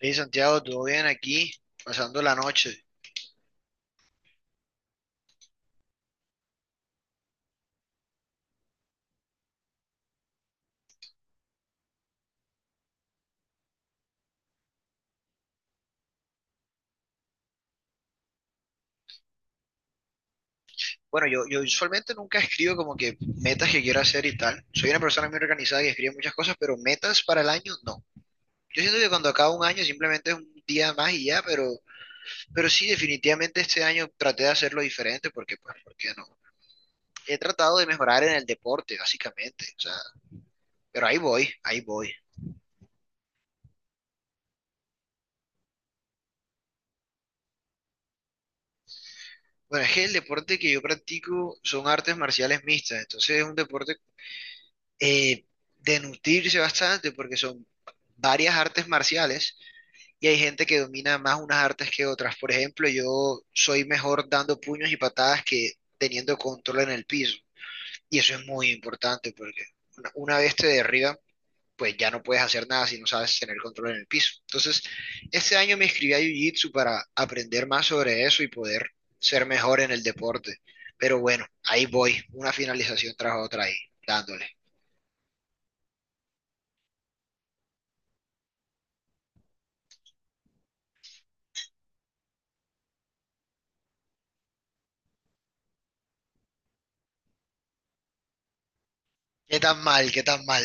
Sí, Santiago, todo bien aquí, pasando la noche. Bueno, yo usualmente nunca escribo como que metas que quiero hacer y tal. Soy una persona muy organizada y escribe muchas cosas, pero metas para el año no. Yo siento que cuando acaba un año simplemente es un día más y ya, pero sí, definitivamente este año traté de hacerlo diferente porque, pues, ¿por qué no? He tratado de mejorar en el deporte, básicamente. O sea, pero ahí voy, ahí voy. Bueno, es que el deporte que yo practico son artes marciales mixtas, entonces es un deporte eh, de nutrirse bastante porque son varias artes marciales y hay gente que domina más unas artes que otras. Por ejemplo, yo soy mejor dando puños y patadas que teniendo control en el piso. Y eso es muy importante porque una vez te derriban, pues ya no puedes hacer nada si no sabes tener control en el piso. Entonces, este año me inscribí a Jiu-Jitsu para aprender más sobre eso y poder ser mejor en el deporte. Pero bueno, ahí voy, una finalización tras otra ahí, dándole. ¿Qué tan mal? ¿Qué tan mal?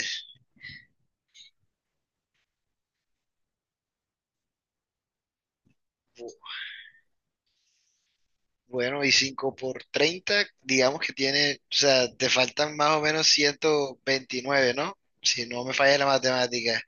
Bu- Bueno, y 5 por 30, digamos que tiene, o sea, te faltan más o menos 129, ¿no? Si no me falla la matemática.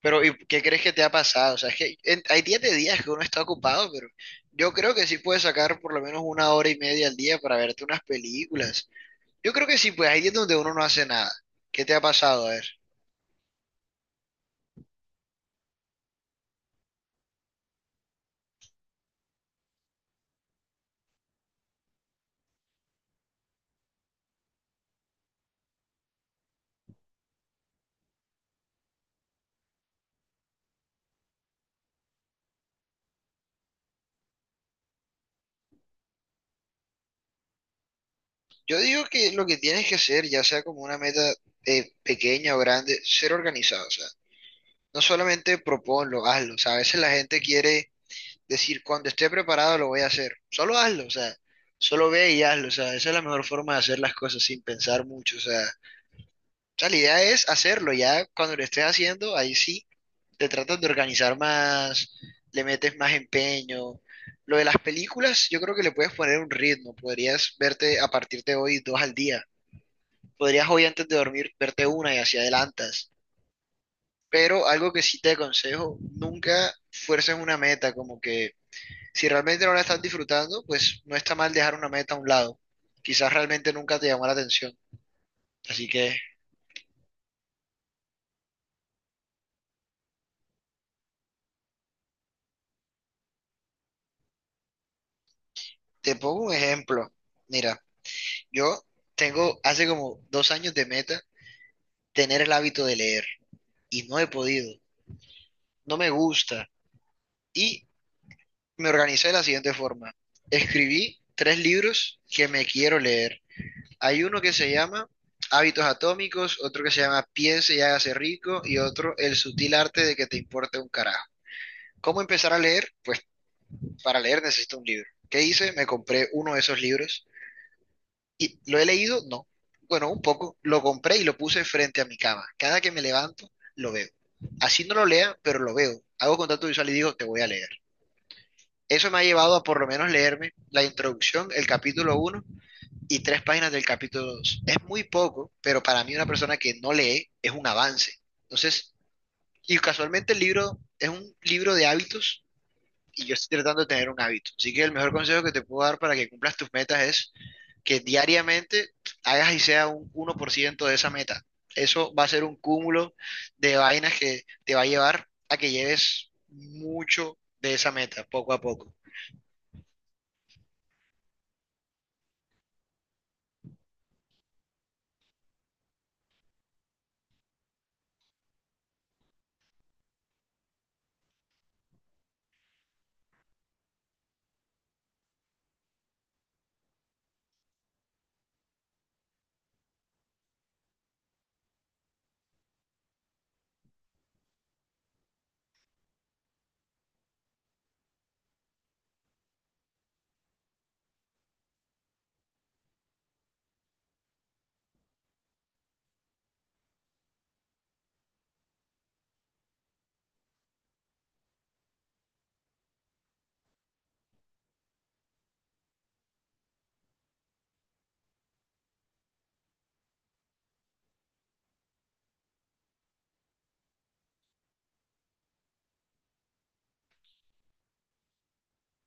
Pero, ¿y qué crees que te ha pasado? O sea, es que hay días de días que uno está ocupado, pero yo creo que sí puedes sacar por lo menos una hora y media al día para verte unas películas. Yo creo que sí, pues hay días donde uno no hace nada. ¿Qué te ha pasado? A ver. Yo digo que lo que tienes que hacer, ya sea como una meta pequeña o grande, ser organizado. O sea, no solamente proponlo, hazlo. O sea, a veces la gente quiere decir, cuando esté preparado lo voy a hacer. Solo hazlo, o sea, solo ve y hazlo. O sea, esa es la mejor forma de hacer las cosas sin pensar mucho. O sea, la idea es hacerlo. Ya cuando lo estés haciendo, ahí sí te tratas de organizar más, le metes más empeño. Lo de las películas, yo creo que le puedes poner un ritmo. Podrías verte a partir de hoy dos al día. Podrías hoy antes de dormir verte una y así adelantas. Pero algo que sí te aconsejo, nunca fuerces una meta, como que si realmente no la estás disfrutando, pues no está mal dejar una meta a un lado. Quizás realmente nunca te llamó la atención. Así que te pongo un ejemplo. Mira, yo tengo hace como 2 años de meta tener el hábito de leer y no he podido, no me gusta. Y me organicé de la siguiente forma. Escribí tres libros que me quiero leer. Hay uno que se llama Hábitos Atómicos, otro que se llama Piense y hágase rico y otro El sutil arte de que te importe un carajo. ¿Cómo empezar a leer? Pues para leer necesito un libro. ¿Qué hice? Me compré uno de esos libros y lo he leído, no. Bueno, un poco. Lo compré y lo puse frente a mi cama. Cada que me levanto, lo veo. Así no lo lea, pero lo veo. Hago contacto visual y digo, te voy a leer. Eso me ha llevado a por lo menos leerme la introducción, el capítulo uno y tres páginas del capítulo dos. Es muy poco, pero para mí una persona que no lee es un avance. Entonces, y casualmente el libro es un libro de hábitos y yo estoy tratando de tener un hábito. Así que el mejor consejo que te puedo dar para que cumplas tus metas es que diariamente hagas y sea un 1% de esa meta. Eso va a ser un cúmulo de vainas que te va a llevar a que lleves mucho de esa meta, poco a poco.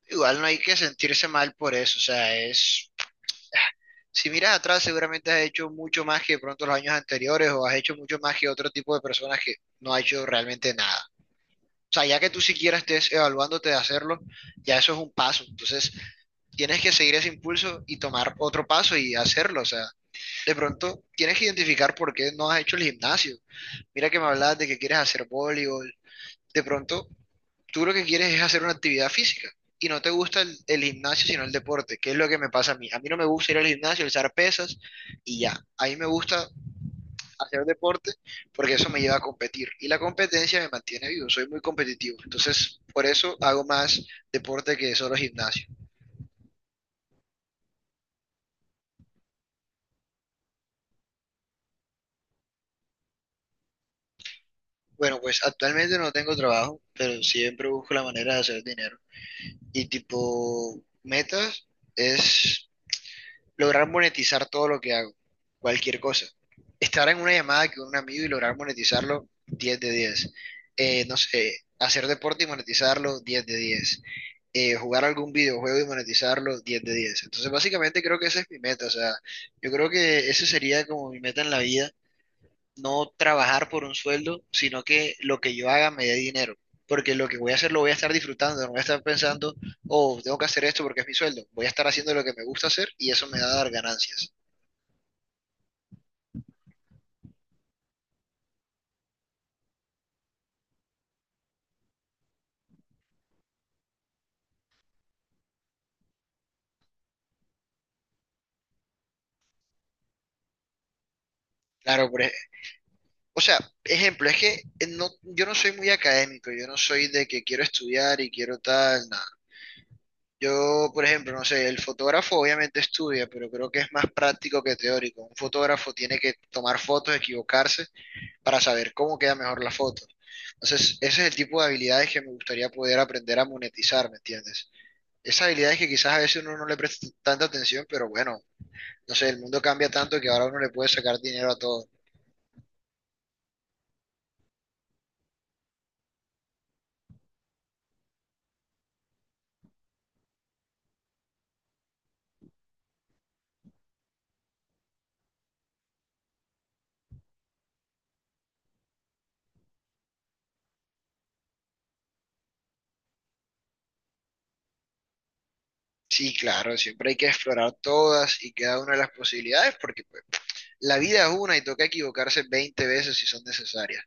Igual no hay que sentirse mal por eso, o sea, es. Si miras atrás, seguramente has hecho mucho más que de pronto los años anteriores o has hecho mucho más que otro tipo de personas que no ha hecho realmente nada. O sea, ya que tú siquiera estés evaluándote de hacerlo, ya eso es un paso. Entonces, tienes que seguir ese impulso y tomar otro paso y hacerlo. O sea, de pronto tienes que identificar por qué no has hecho el gimnasio. Mira que me hablabas de que quieres hacer voleibol. De pronto, tú lo que quieres es hacer una actividad física y no te gusta el gimnasio, sino el deporte, que es lo que me pasa a mí. A mí no me gusta ir al gimnasio, alzar pesas y ya. A mí me gusta hacer deporte porque eso me lleva a competir y la competencia me mantiene vivo, soy muy competitivo. Entonces, por eso hago más deporte que solo gimnasio. Bueno, pues actualmente no tengo trabajo, pero siempre busco la manera de hacer dinero. Y tipo, metas es lograr monetizar todo lo que hago, cualquier cosa. Estar en una llamada con un amigo y lograr monetizarlo, 10 de 10. No sé, hacer deporte y monetizarlo, 10 de 10. Jugar algún videojuego y monetizarlo, 10 de 10. Entonces, básicamente creo que esa es mi meta, o sea, yo creo que esa sería como mi meta en la vida, no trabajar por un sueldo, sino que lo que yo haga me dé dinero. Porque lo que voy a hacer lo voy a estar disfrutando, no voy a estar pensando, oh, tengo que hacer esto porque es mi sueldo. Voy a estar haciendo lo que me gusta hacer y eso me va a dar ganancias. Claro, o sea, ejemplo, es que no, yo no soy muy académico, yo no soy de que quiero estudiar y quiero tal, nada. Yo, por ejemplo, no sé, el fotógrafo obviamente estudia, pero creo que es más práctico que teórico. Un fotógrafo tiene que tomar fotos, equivocarse para saber cómo queda mejor la foto. Entonces, ese es el tipo de habilidades que me gustaría poder aprender a monetizar, ¿me entiendes? Esas habilidades que quizás a veces uno no le presta tanta atención, pero bueno, no sé, el mundo cambia tanto que ahora uno le puede sacar dinero a todo. Sí, claro, siempre hay que explorar todas y cada una de las posibilidades, porque pues, la vida es una y toca equivocarse 20 veces si son necesarias.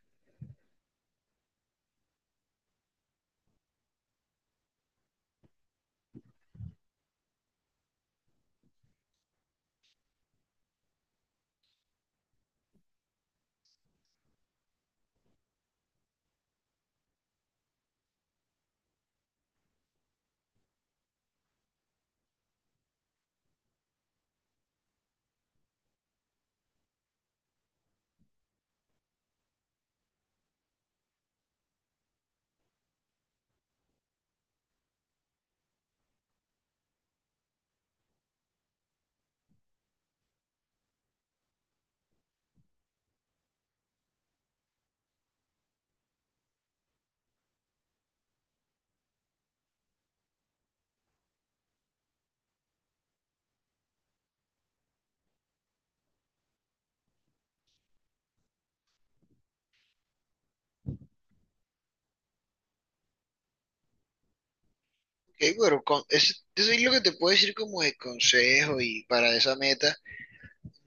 Ok, bueno, eso es lo que te puedo decir como de consejo y para esa meta,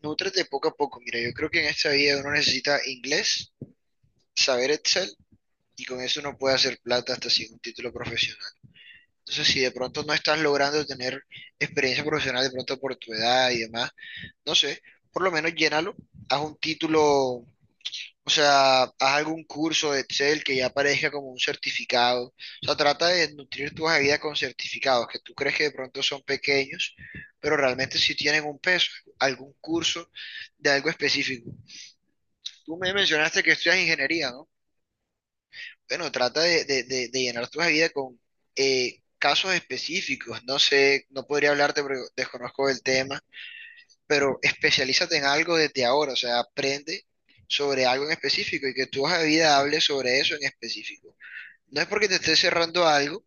nútrate poco a poco. Mira, yo creo que en esta vida uno necesita inglés, saber Excel, y con eso uno puede hacer plata hasta sin un título profesional. Entonces, si de pronto no estás logrando tener experiencia profesional de pronto por tu edad y demás, no sé, por lo menos llénalo, haz un título, o sea, haz algún curso de Excel que ya aparezca como un certificado. O sea, trata de nutrir tu hoja de vida con certificados que tú crees que de pronto son pequeños, pero realmente sí tienen un peso, algún curso de algo específico. Tú me mencionaste que estudias ingeniería, ¿no? Bueno, trata de llenar tu vida con casos específicos. No sé, no podría hablarte porque desconozco el tema, pero especialízate en algo desde ahora, o sea, aprende sobre algo en específico y que tu hoja de vida hable sobre eso en específico. No es porque te estés cerrando a algo,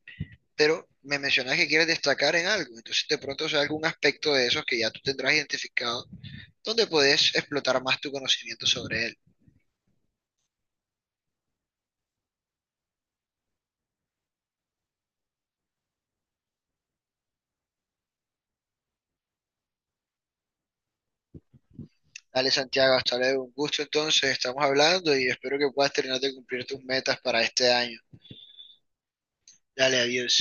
pero me mencionas que quieres destacar en algo, entonces de pronto sea algún aspecto de esos que ya tú tendrás identificado, donde puedes explotar más tu conocimiento sobre él. Dale, Santiago, hasta luego. Un gusto entonces, estamos hablando y espero que puedas terminar de cumplir tus metas para este año. Dale, adiós.